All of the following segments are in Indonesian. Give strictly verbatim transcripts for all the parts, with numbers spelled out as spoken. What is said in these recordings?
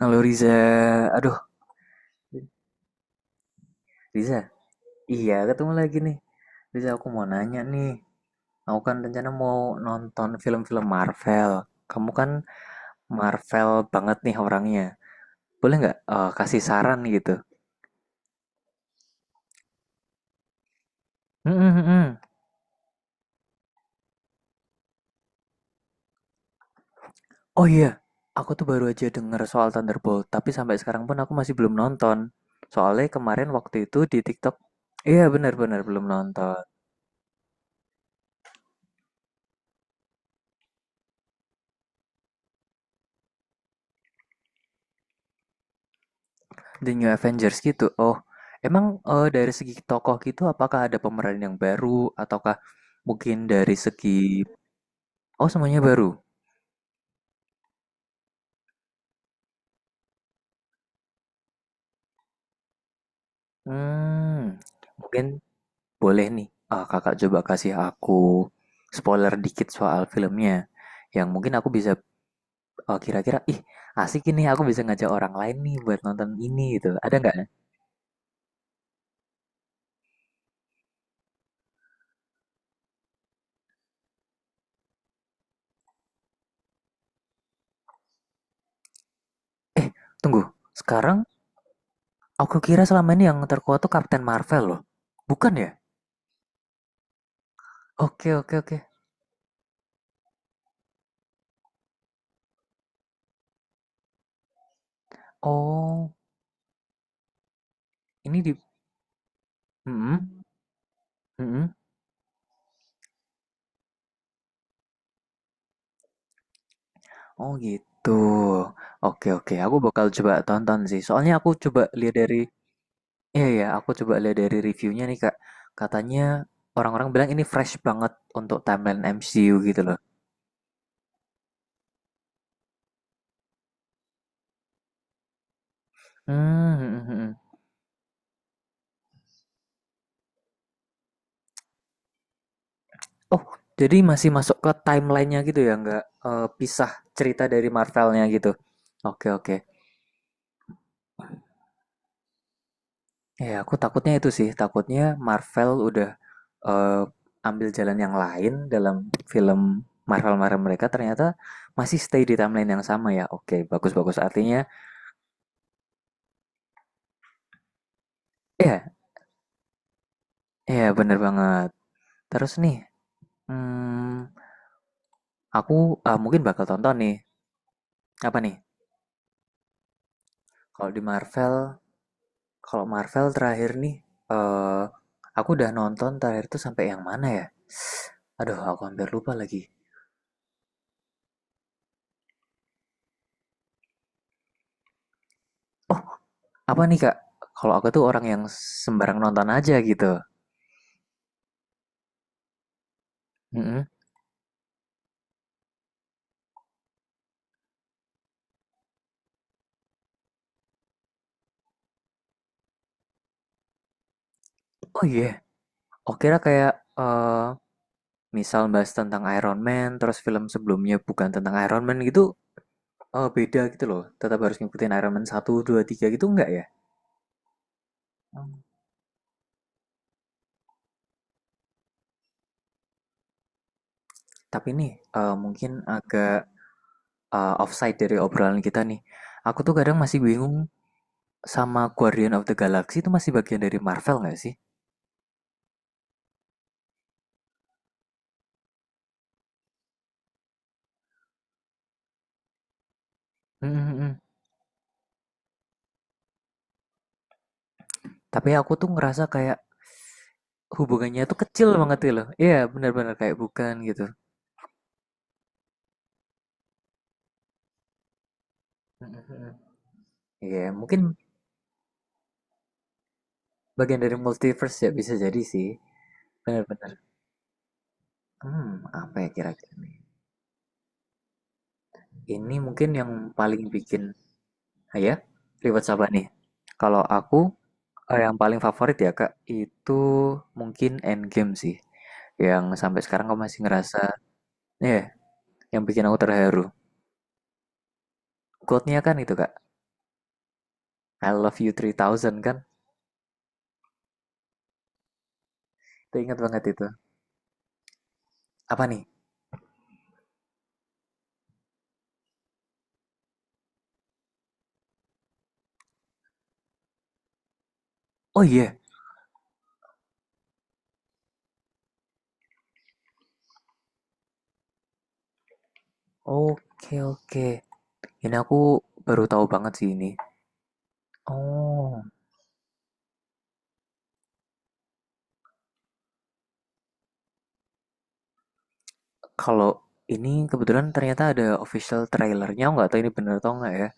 Halo Riza, aduh Riza, iya ketemu lagi nih. Riza, aku mau nanya nih, aku kan rencana mau nonton film-film Marvel. Kamu kan Marvel banget nih orangnya. Boleh nggak, eh, kasih saran gitu? Hmm, hmm, hmm, hmm. Oh iya, aku tuh baru aja denger soal Thunderbolt, tapi sampai sekarang pun aku masih belum nonton. Soalnya kemarin waktu itu di TikTok. Iya, benar-benar belum nonton. The New Avengers gitu. Oh, emang, eh, dari segi tokoh gitu, apakah ada pemeran yang baru ataukah mungkin dari segi. Oh, semuanya baru? Hmm, mungkin boleh nih. Ah, kakak coba kasih aku spoiler dikit soal filmnya. Yang mungkin aku bisa, eh, kira-kira, ih, asik, ini aku bisa ngajak orang lain nih buat nonton ini gitu. Ada nggak? Eh, tunggu. Sekarang aku kira selama ini yang terkuat tuh Captain Marvel loh. Bukan ya? Oke, oke, oke. Oh, ini di. Mhm, mhm. Oh gitu. Oke, oke, aku bakal coba tonton sih. Soalnya aku coba lihat dari, iya ya, aku coba lihat dari reviewnya nih Kak. Katanya orang-orang bilang ini fresh banget untuk timeline M C U gitu loh. Hmm, hmm, mhm. Oh, jadi masih masuk ke timelinenya gitu ya, nggak eh, pisah cerita dari Marvelnya gitu. Oke, oke. Ya, aku takutnya itu sih. Takutnya Marvel udah eh, ambil jalan yang lain dalam film Marvel-Marvel mereka, ternyata masih stay di timeline yang sama ya. Oke, bagus-bagus artinya. Ya, ya bener banget. Terus nih, hmm, aku, eh, mungkin bakal tonton nih. Apa nih? Kalau di Marvel, kalau Marvel terakhir nih, eh aku udah nonton terakhir tuh sampai yang mana ya? Aduh, aku hampir lupa lagi. Oh, apa nih Kak? Kalau aku tuh orang yang sembarang nonton aja gitu. Mhm. Oh iya. Oh, kira kayak, eh misal bahas tentang Iron Man, terus film sebelumnya bukan tentang Iron Man gitu, eh beda gitu loh. Tetap harus ngikutin Iron Man satu dua tiga gitu, enggak ya? Hmm. Tapi nih, eh mungkin agak eh, offside dari obrolan kita nih. Aku tuh kadang masih bingung sama Guardian of the Galaxy, itu masih bagian dari Marvel nggak sih? Mhm, mhm. Tapi aku tuh ngerasa kayak hubungannya tuh kecil banget gitu loh. Iya, benar-benar kayak bukan gitu. Mhm, mhm. Iya, mungkin bagian dari multiverse ya, bisa jadi sih. Benar-benar. Hmm, apa ya kira-kira nih? Ini mungkin yang paling bikin, ah ya, rewatch apa nih? Kalau aku, eh, yang paling favorit ya Kak, itu mungkin Endgame sih. Yang sampai sekarang aku masih ngerasa, ya, yang bikin aku terharu. Quote-nya kan itu Kak, I love you Three Thousand kan? Itu ingat banget itu. Apa nih? Oh iya, oke oke. Ini aku baru tahu banget sih ini. Oh, kalau ini kebetulan ternyata ada official trailernya, nggak tahu ini bener atau nggak ya.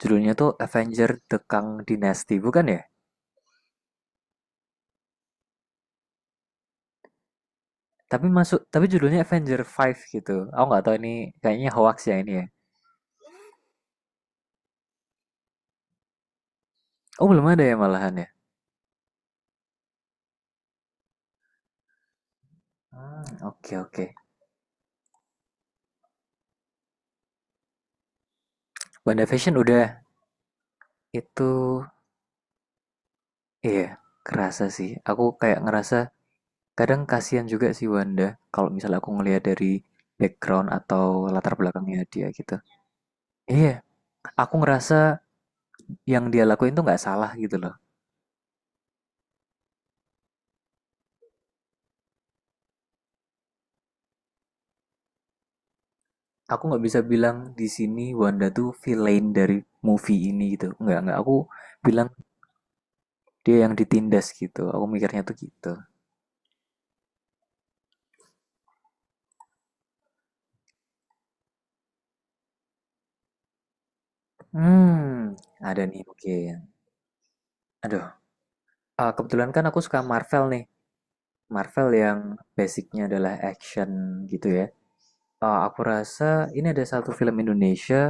Judulnya tuh Avenger The Kang Dynasty bukan ya? Tapi masuk tapi judulnya Avenger lima gitu. Aku nggak tahu ini, kayaknya hoax ya ini ya. Oh, belum ada ya malahan ya. Hmm, oke oke. WandaVision udah itu, iya kerasa sih. Aku kayak ngerasa kadang kasihan juga sih Wanda, kalau misalnya aku ngelihat dari background atau latar belakangnya dia gitu. Iya, aku ngerasa yang dia lakuin tuh nggak salah gitu loh. Aku nggak bisa bilang di sini Wanda tuh villain dari movie ini gitu. Nggak, nggak. Aku bilang dia yang ditindas gitu. Aku mikirnya tuh gitu. Hmm, ada nih mungkin. Aduh, ah, kebetulan kan aku suka Marvel nih. Marvel yang basicnya adalah action gitu ya. Ah, aku rasa ini ada satu film Indonesia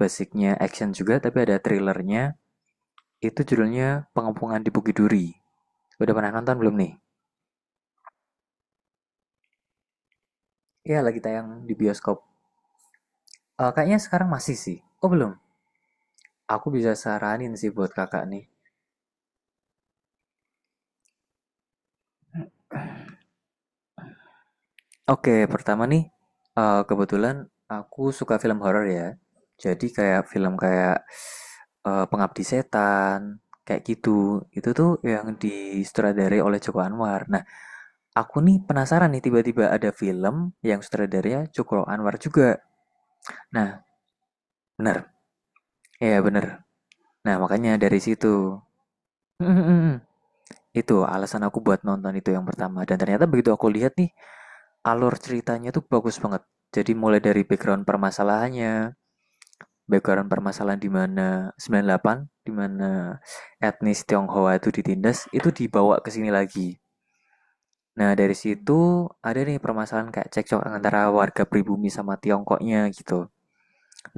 basicnya action juga, tapi ada thrillernya. Itu judulnya Pengepungan di Bukit Duri. Udah pernah nonton belum nih? Iya, lagi tayang di bioskop. Eh, kayaknya sekarang masih sih. Oh belum? Aku bisa saranin sih buat kakak nih. Oke, pertama nih, eh, kebetulan aku suka film horor ya. Jadi kayak film kayak eh, Pengabdi Setan, kayak gitu. Itu tuh yang disutradarai oleh Joko Anwar. Nah, aku nih penasaran nih tiba-tiba ada film yang sutradaranya Joko Anwar juga. Nah, bener, iya bener. Nah, makanya dari situ. Itu alasan aku buat nonton itu yang pertama. Dan ternyata begitu aku lihat nih, alur ceritanya tuh bagus banget. Jadi mulai dari background permasalahannya, background permasalahan di mana sembilan puluh delapan, di mana etnis Tionghoa itu ditindas, itu dibawa ke sini lagi. Nah, dari situ ada nih permasalahan kayak cekcok antara warga pribumi sama Tiongkoknya gitu.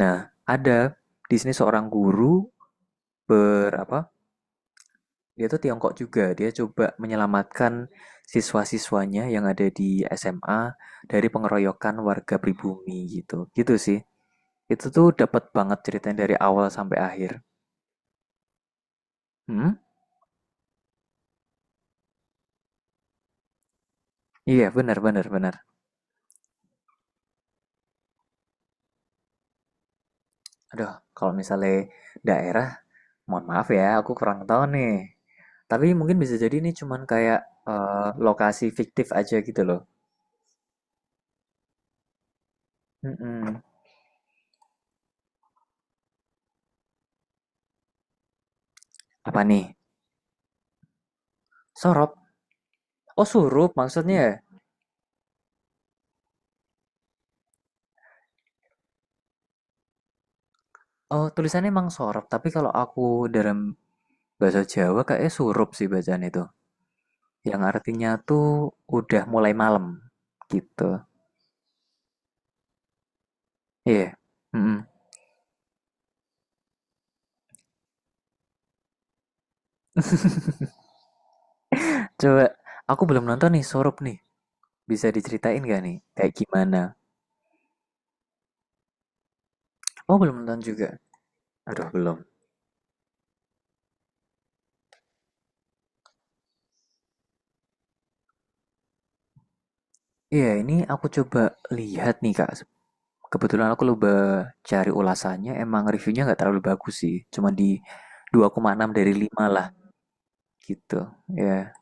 Nah, ada di sini seorang guru, berapa, dia tuh Tiongkok juga, dia coba menyelamatkan siswa-siswanya yang ada di S M A dari pengeroyokan warga pribumi gitu. Gitu sih. Itu tuh dapat banget ceritanya dari awal sampai akhir. Hmm? Iya, benar benar benar. Aduh, kalau misalnya daerah, mohon maaf ya, aku kurang tahu nih. Tapi mungkin bisa jadi ini cuman kayak eh, lokasi fiktif aja gitu loh. Mm-mm. Apa nih? Sorop. Oh, Surup maksudnya, ya? Oh, tulisannya emang sorop, tapi kalau aku dalam bahasa Jawa kayaknya surup sih bacaan itu. Yang artinya tuh udah mulai malam gitu. Iya. Mm-mm. Coba, aku belum nonton nih surup nih. Bisa diceritain gak nih kayak gimana? Oh, belum nonton juga. Aduh, belum. Iya, ini aku coba lihat nih, Kak. Kebetulan aku coba cari ulasannya, emang reviewnya nggak terlalu bagus sih. Cuma di dua koma enam dari lima lah gitu. Iya.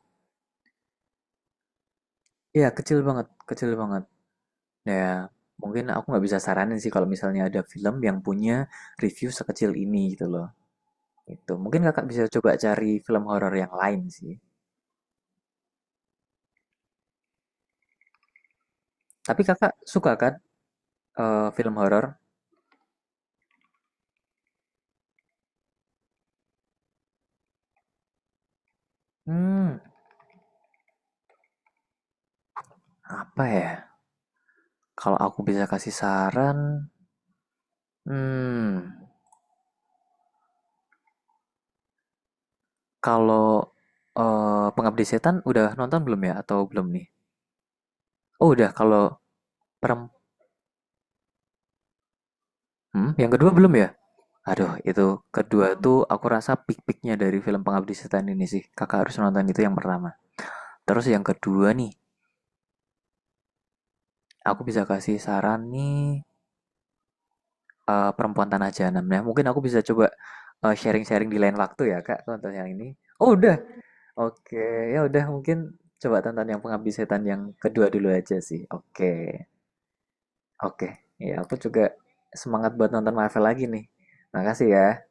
Iya, kecil banget, kecil banget. Nah, ya, mungkin aku nggak bisa saranin sih kalau misalnya ada film yang punya review sekecil ini gitu loh. Itu mungkin kakak bisa coba cari film horor yang lain sih. Tapi kakak suka kan eh, film horor? Hmm, apa ya? Kalau aku bisa kasih saran, hmm, kalau eh, Pengabdi Setan udah nonton belum ya atau belum nih? Oh udah, kalau perempuan. Mhm, yang kedua belum ya? Aduh, itu kedua tuh aku rasa pik-piknya dari film Pengabdi Setan ini sih, Kakak harus nonton itu yang pertama. Terus yang kedua nih, aku bisa kasih saran nih, eee, Perempuan Tanah Jahanam. Nah mungkin aku bisa coba, eee, sharing-sharing di lain waktu ya Kak, tonton yang ini. Oh udah? Oke, ya udah mungkin coba tonton yang Pengabdi Setan yang kedua dulu aja sih. Oke, oke. Ya, aku juga semangat buat nonton Marvel lagi nih. Makasih ya.